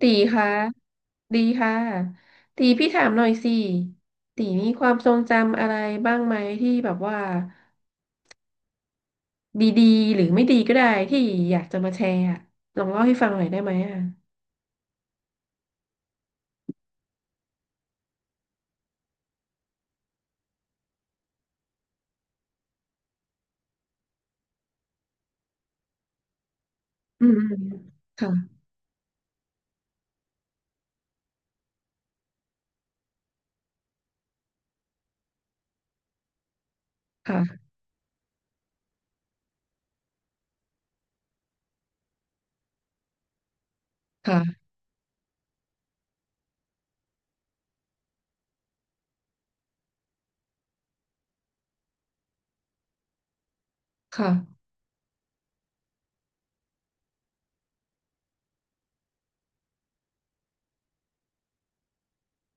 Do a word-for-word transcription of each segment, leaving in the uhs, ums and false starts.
ตีคะดีค่ะตีพี่ถามหน่อยสิตีมีความทรงจำอะไรบ้างไหมที่แบบว่าดีๆหรือไม่ดีก็ได้ที่อยากจะมาแชร์อะลองเล่าให้ฟังหน่อยได้ไหมอ่ะอืมอืมค่ะค่ะค่ะค่ะ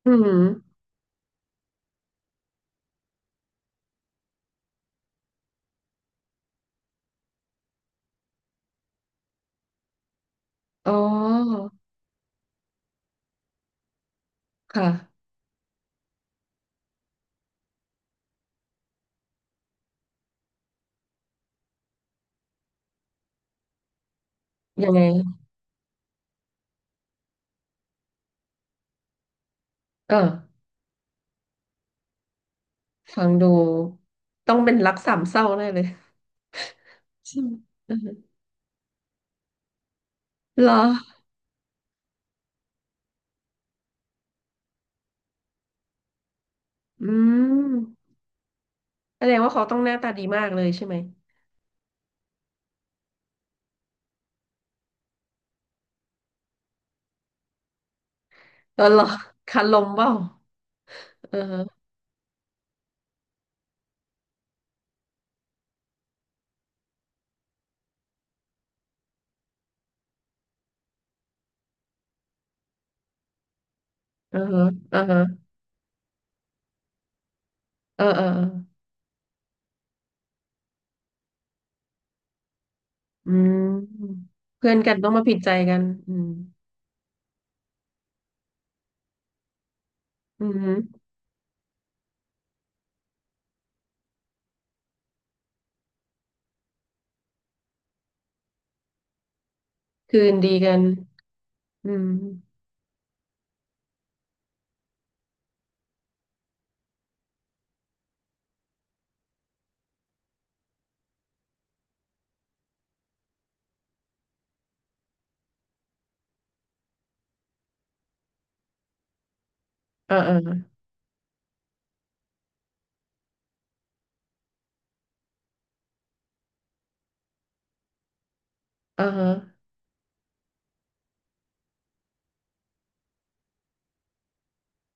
อืมอ๋อค่ะยังไงเออฟังดูต้องเป็นรักสามเศร้าแน่เลยใช่ ไหมเออเหรออืมแสดงว่าเขาต้องหน้าตาดีมากเลยใช่ไหม เออเหรอ คันลมเปล่าเออเออเออเออเอออืมเพื่อนกันต้องมาผิดใจกันอืมอืมคืนดีกันอืมเออเออเออ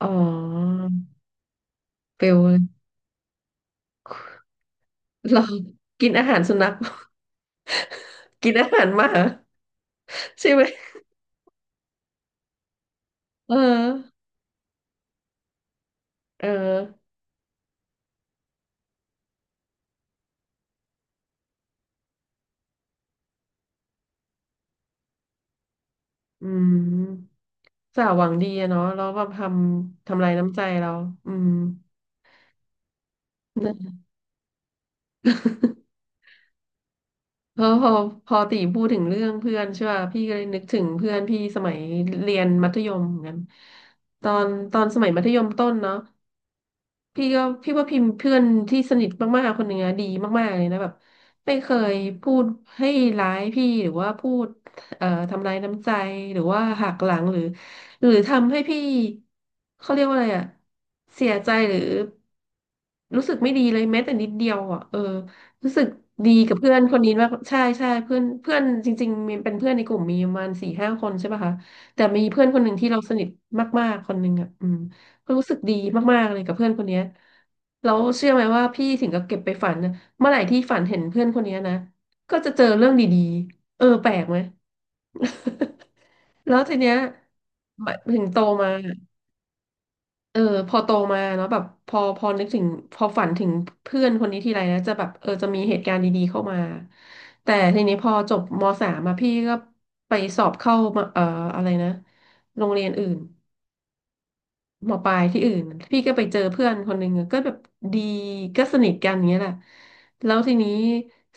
อ๋อเปลวเลย เรากินอาหารสุนัข กินอาหารหมา ใช่ไหมเออเอออืมสาวหวังดีอะเนาะแล้วแบบทำทำลายน้ำใจเราอืม นะ พอพอพอตีพูดถึงเรื่องเพื่อนใช่ป่ะพี่ก็เลยนึกถึงเพื่อนพี่สมัยเรียนมัธยมเหมือนกันตอนตอนสมัยมัธยมต้นเนาะพี่ก็พี่ว่าพิมพ์เพื่อนที่สนิทมากๆคนหนึ่งอะดีมากๆเลยนะแบบไม่เคยพูดให้ร้ายพี่หรือว่าพูดเอ่อทำร้ายน้ำใจหรือว่าหักหลังหรือหรือทำให้พี่เขาเรียกว่าอะไรอะเสียใจหรือรู้สึกไม่ดีเลยแม้แต่นิดเดียวอะเออ รู้สึกดีกับเพื่อนคนนี้มากใช่ใช่เพื่อนเพื่อนจริงๆมีเป็นเพื่อนในกลุ่มมีประมาณสี่ห้าคนใช่ป่ะคะแต่มีเพื่อนคนหนึ่งที่เราสนิทมากๆคนหนึ่งอ่ะอืมก็รู้สึกดีมากๆเลยกับเพื่อนคนเนี้ยแล้วเชื่อไหมว่าพี่ถึงกับเก็บไปฝันนะเมื่อไหร่ที่ฝันเห็นเพื่อนคนเนี้ยนะก็จะเจอเรื่องดีๆเออแปลกไหม แล้วทีเนี้ยถึงโตมา เออพอโตมาเนาะแบบพอพอนึกถึงพอฝันถึงเพื่อนคนนี้ทีไรนะจะแบบเออจะมีเหตุการณ์ดีๆเข้ามาแต่ทีนี้พอจบมสามมาพี่ก็ไปสอบเข้ามาเอ่ออะไรนะโรงเรียนอื่นมปลายที่อื่นพี่ก็ไปเจอเพื่อนคนหนึ่งอะก็แบบดีก็สนิทกันอย่างเงี้ยแหละแล้วทีนี้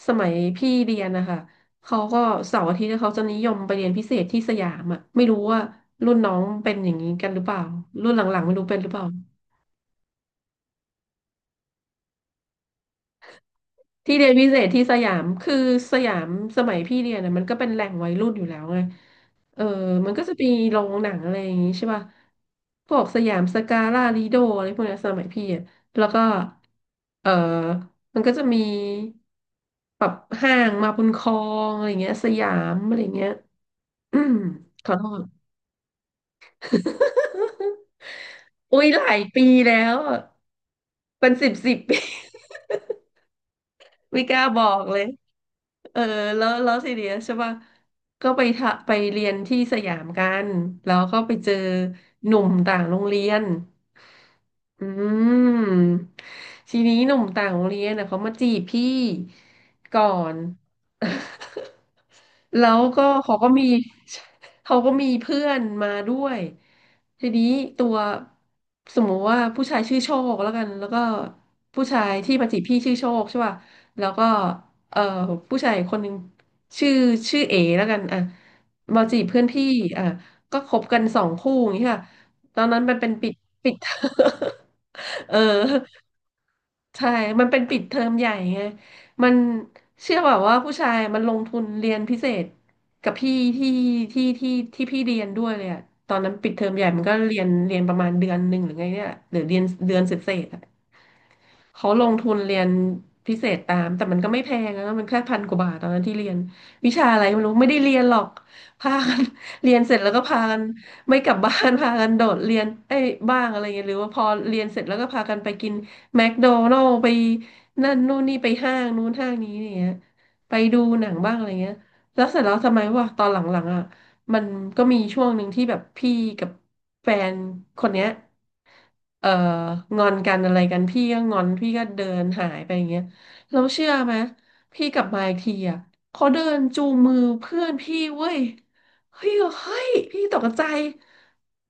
สมัยพี่เรียนนะคะเขาก็เสาร์อาทิตย์เขาจะนิยมไปเรียนพิเศษที่สยามอ่ะไม่รู้ว่ารุ่นน้องเป็นอย่างนี้กันหรือเปล่ารุ่นหลังๆไม่รู้เป็นหรือเปล่า ที่เรียนพิเศษที่สยามคือสยามสมัยพี่เรียนนะมันก็เป็นแหล่งวัยรุ่นอยู่แล้วไงเออมันก็จะมีโรงหนังอะไรอย่างงี้ใช่ป่ะพวกสยามสกาล่าลิโดอะไรพวกเนี้ยสมัยพี่อะแล้วก็เออมันก็จะมีแบบห้างมาบุญครองอะไรเงี้ยสยามอะไรเงี้ย อืมขอโทษ อุ้ยหลายปีแล้วอะเป็นสิบสิบปี ไม่กล้าบอกเลย เออ แล้วแล้วทีเนี้ยใช่ป่ะก็ไปทะไปเรียนที่สยามกัน แล้วก็ไปเจอหนุ่มต่างโรงเรียน อืมทีนี้หนุ่มต่างโรงเรียนนะเขามาจีบพี่ก่อน แล้วก็เขาก็มี เขาก็มีเพื่อนมาด้วยทีนี้ตัวสมมติว่าผู้ชายชื่อโชคแล้วกันแล้วก็ผู้ชายที่มาจีบพี่ชื่อโชคใช่ป่ะแล้วก็เอ่อผู้ชายคนหนึ่งชื่อชื่อเอแล้วกันอ่ะมาจีบเพื่อนพี่อ่ะก็คบกันสองคู่อย่างเงี้ยค่ะตอนนั้นมันเป็นปิดปิด เออใช่มันเป็นปิดเทอมใหญ่ไงมันเชื่อแบบว่าผู้ชายมันลงทุนเรียนพิเศษกับพี่ที่ที่ที่ที่พี่เรียนด้วยเลยอะตอนนั้นปิดเทอมใหญ่มันก็เรียนเรียนประมาณเดือนหนึ่งหรือไงเนี่ยหรือเรียนเดือนเศษๆอะ เขาลงทุนเรียนพิเศษตามแต่มันก็ไม่แพงนะมันแค่พันกว่าบาทตอนนั้นที่เรียนวิชาอะไรไม่รู้ไม่ได้เรียนหรอกพากัน เรียนเสร็จแล้วก็พากันไม่กลับบ้าน พากันโดดเรียนเอ้ยบ้างอะไรเงี้ยหรือว่าพอเรียนเสร็จแล้วก็พากันไปกินแมคโดนัลด์ไปนั่นนู่นนี่ไปห้างนู้นห้างนี้เนี่ยไปดูหนังบ้างอะไรเงี้ยแล้วเสร็จแล้วทำไมวะตอนหลังๆอ่ะ มันก็มีช่วงหนึ่งที่แบบพี่กับแฟนคนเนี้ยเอ่องอนกันอะไรกันพี่ก็งอนพี่ก็เดินหายไปอย่างเงี้ยแล้วเชื่อไหมพี่กลับมาอีกทีอ่ะเขาเดินจูงมือเพื่อนพี่เว้ยเฮ้ยเฮ้ยพี่ตกใจ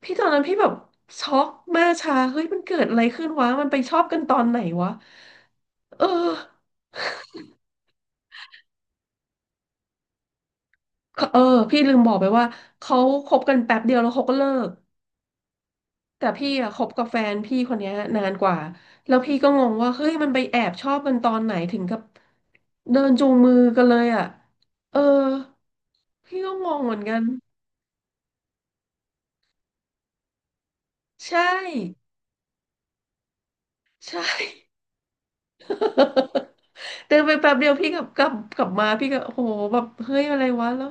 พี่ตอนนั้นพี่แบบช็อกมากชาเฮ้ยมันเกิดอะไรขึ้นวะมันไปชอบกันตอนไหนวะเออเออพี่ลืมบอกไปว่าเขาคบกันแป๊บเดียวแล้วเขาก็เลิก แต่พี่อะคบกับแฟนพี่คนเนี้ยนานกว่า แล้วพี่ก็งงว่าเฮ้ยมันไปแอบชอบกันตอนไหนถึงกับเดินจูงมือกันเลยอ่ะเออพี่ก็งงเหมือนกันใช่ใช่ เดินไปแป๊บเดียวพี่กลับกลับกลับมาพี่ก็โอ้โหแบบเฮ้ยอะไรวะแล้ว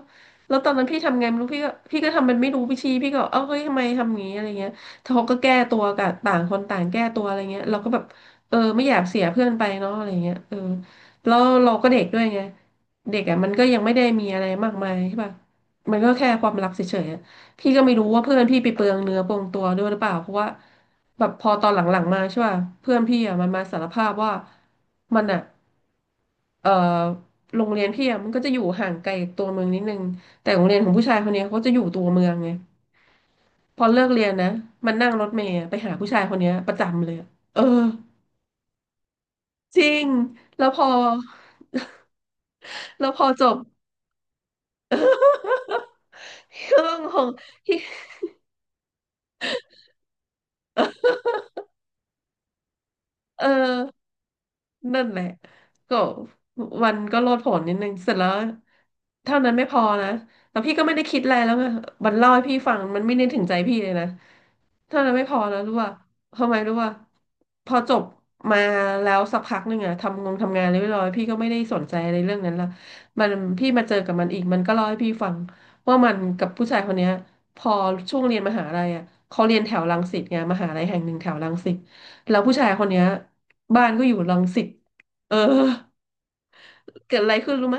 แล้วตอนนั้นพี่ทำไงไม่รู้พี่ก็พี่ก็ทำมันไม่รู้พี่ชี้พี่ก็เอ้าเฮ้ยทำไมทำอย่างงี้อะไรเงี้ยเขาก็แก้ตัวกันต่างคนต่างแก้ตัวอะไรเงี้ยเราก็แบบเออไม่อยากเสียเพื่อนไปเนาะอะไรเงี้ยเออแล้วเราก็เด็กด้วยไงเด็กอ่ะมันก็ยังไม่ได้มีอะไรมากมายใช่ป่ะมันก็แค่ความรักเฉยๆอะพี่ก็ไม่รู้ว่าเพื่อนพี่ไปเปลืองเนื้อเปลืองตัวด้วยหรือเปล่าเพราะว่าแบบพอตอนหลังๆมาใช่ป่ะเพื่อนพี่อ่ะมันมาสารภาพว่ามันอ่ะ เอ่อโรงเรียนพี่อะมันก็จะอยู่ห่างไกลตัวเมืองนิดนึงแต่โรงเรียนของผู้ชายคนเนี้ยเขาจะอยู่ตัวเมืองไงพอเลิกเรียนนะ มันนั่งรถเมล์ะไปหาผู้ชายคนเนี้ยประจำเลยอะเออจริง แล้วพอ แล้วพอจบ เรื่องของ เออ นั่นแหละก็มันก็โลดโผนนิดนึงเสร็จแล้วเท่านั้นไม่พอนะแล้วพี่ก็ไม่ได้คิดอะไรแล้วไงมันเล่าให้พี่ฟังมันไม่ได้ถึงใจพี่เลยนะเท่านั้นไม่พอนะรู้ว่าทำไมรู้ว่าพอจบมาแล้วสักพักหนึ่งอะทำงงทำงานเรียบร้อยพี่ก็ไม่ได้สนใจอะไรเรื่องนั้นละมันพี่มาเจอกับมันอีกมันก็เล่าให้พี่ฟังว่ามันกับผู้ชายคนเนี้ยพอช่วงเรียนมหาลัยอะเขาเรียนแถวรังสิตไงมหาลัยแห่งหนึ่งแถวรังสิตแล้วผู้ชายคนเนี้ย บ้านก็อยู่รังสิตเออเกิดอะไรขึ้นรู้ไหม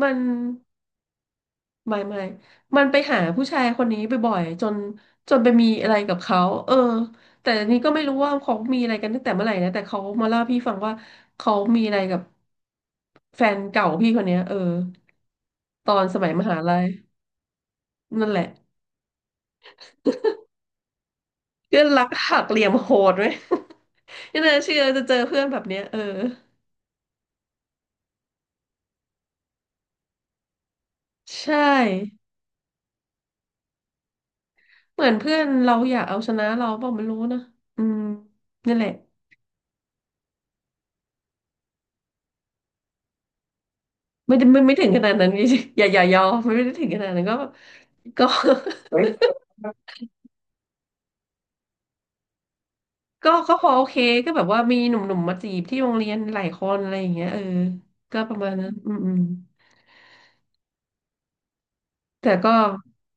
มันไม่ไม่มันไปหาผู้ชายคนนี้บ่อยๆจนจนไปมีอะไรกับเขาเออแต่อันนี้ก็ไม่รู้ว่าเขามีอะไรกันตั้งแต่เมื่อไหร่นะแต่เขามาเล่าให้พี่ฟังว่าเขามีอะไรกับแฟนเก่าพี่คนเนี้ยเออตอนสมัยมหาลัยนั่นแหละเพื่อนรักหักเหลี่ยมโหดไหม ไม่น่าเชื่อจะเจอเพื่อนแบบเนี้ยเออใช่ เหมือนเพื่อนเราอยากเอาชนะเราเปล่าไม่รู้นะอืมนั่นแหละไม่ได้ไม่ไม่ถึงขนาดนั้น จริงๆอย่าอย่ายอมไม่ได้ถึงขนาดนั้นก็ก็ ก็ก็พอโอเคก็แบบว่ามีหนุ่มๆมาจีบที่โรงเรียนหลายคนอะไรอย่างเงี้ยเออก็ประมาณนั้นอืมอืมแต่ก็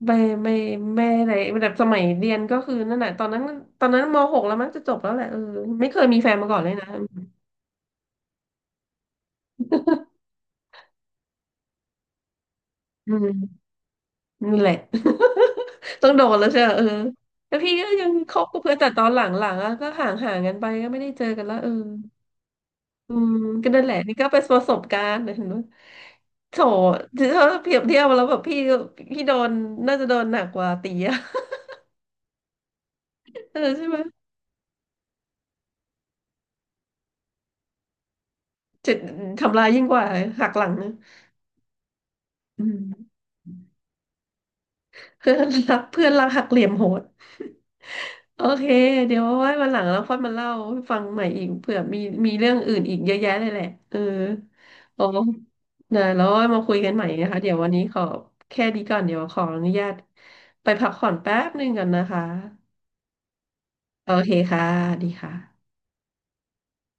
ไม่ไม่ไม่อะไรแบบสมัยเรียนก็คือนั่นแหละตอนนั้นตอนนั้นมหกแล้วมั้งจะจบแล้วแหละเออไม่เคยมีแฟนมาก่อนเลยนะ อืม นั่นแหละ ต้องโดนแล้วใช่ไหมเออแล้วพี่ก็ยังคบกับเพื่อนแต่ตอนหลังๆอะก็ห่างห่างกันไปก็ไม่ได้เจอกันและเอออืมก็นั่นแหละนี่ก็เป็นประสบการณ์นะเห็นไหมโถถ้าเปรียบเทียบแล้วแบบพี่ก็พี่โดนน่าจะโดนหนักกว่าตีอะ เออใช่ไหมจะทำลายยิ่งกว่าหักหลังนะอืมเพื่อนรักเพื่อนรักหักเหลี่ยมโหด โอเคเดี๋ยวเอาไว้วันหลังแล้วค่อยมาเล่าให้ฟังใหม่อีกเผื่อมีมีเรื่องอื่นอีกเยอะแยะเลยแหละเออโอ้นะแล้วเอามาคุยกันใหม่นะคะเดี๋ยววันนี้ขอแค่นี้ก่อนเดี๋ยวขออนุญาตไปพักผ่อนแป๊บหนึ่งก่อนนะคะโอเคค่ะดีค่ะ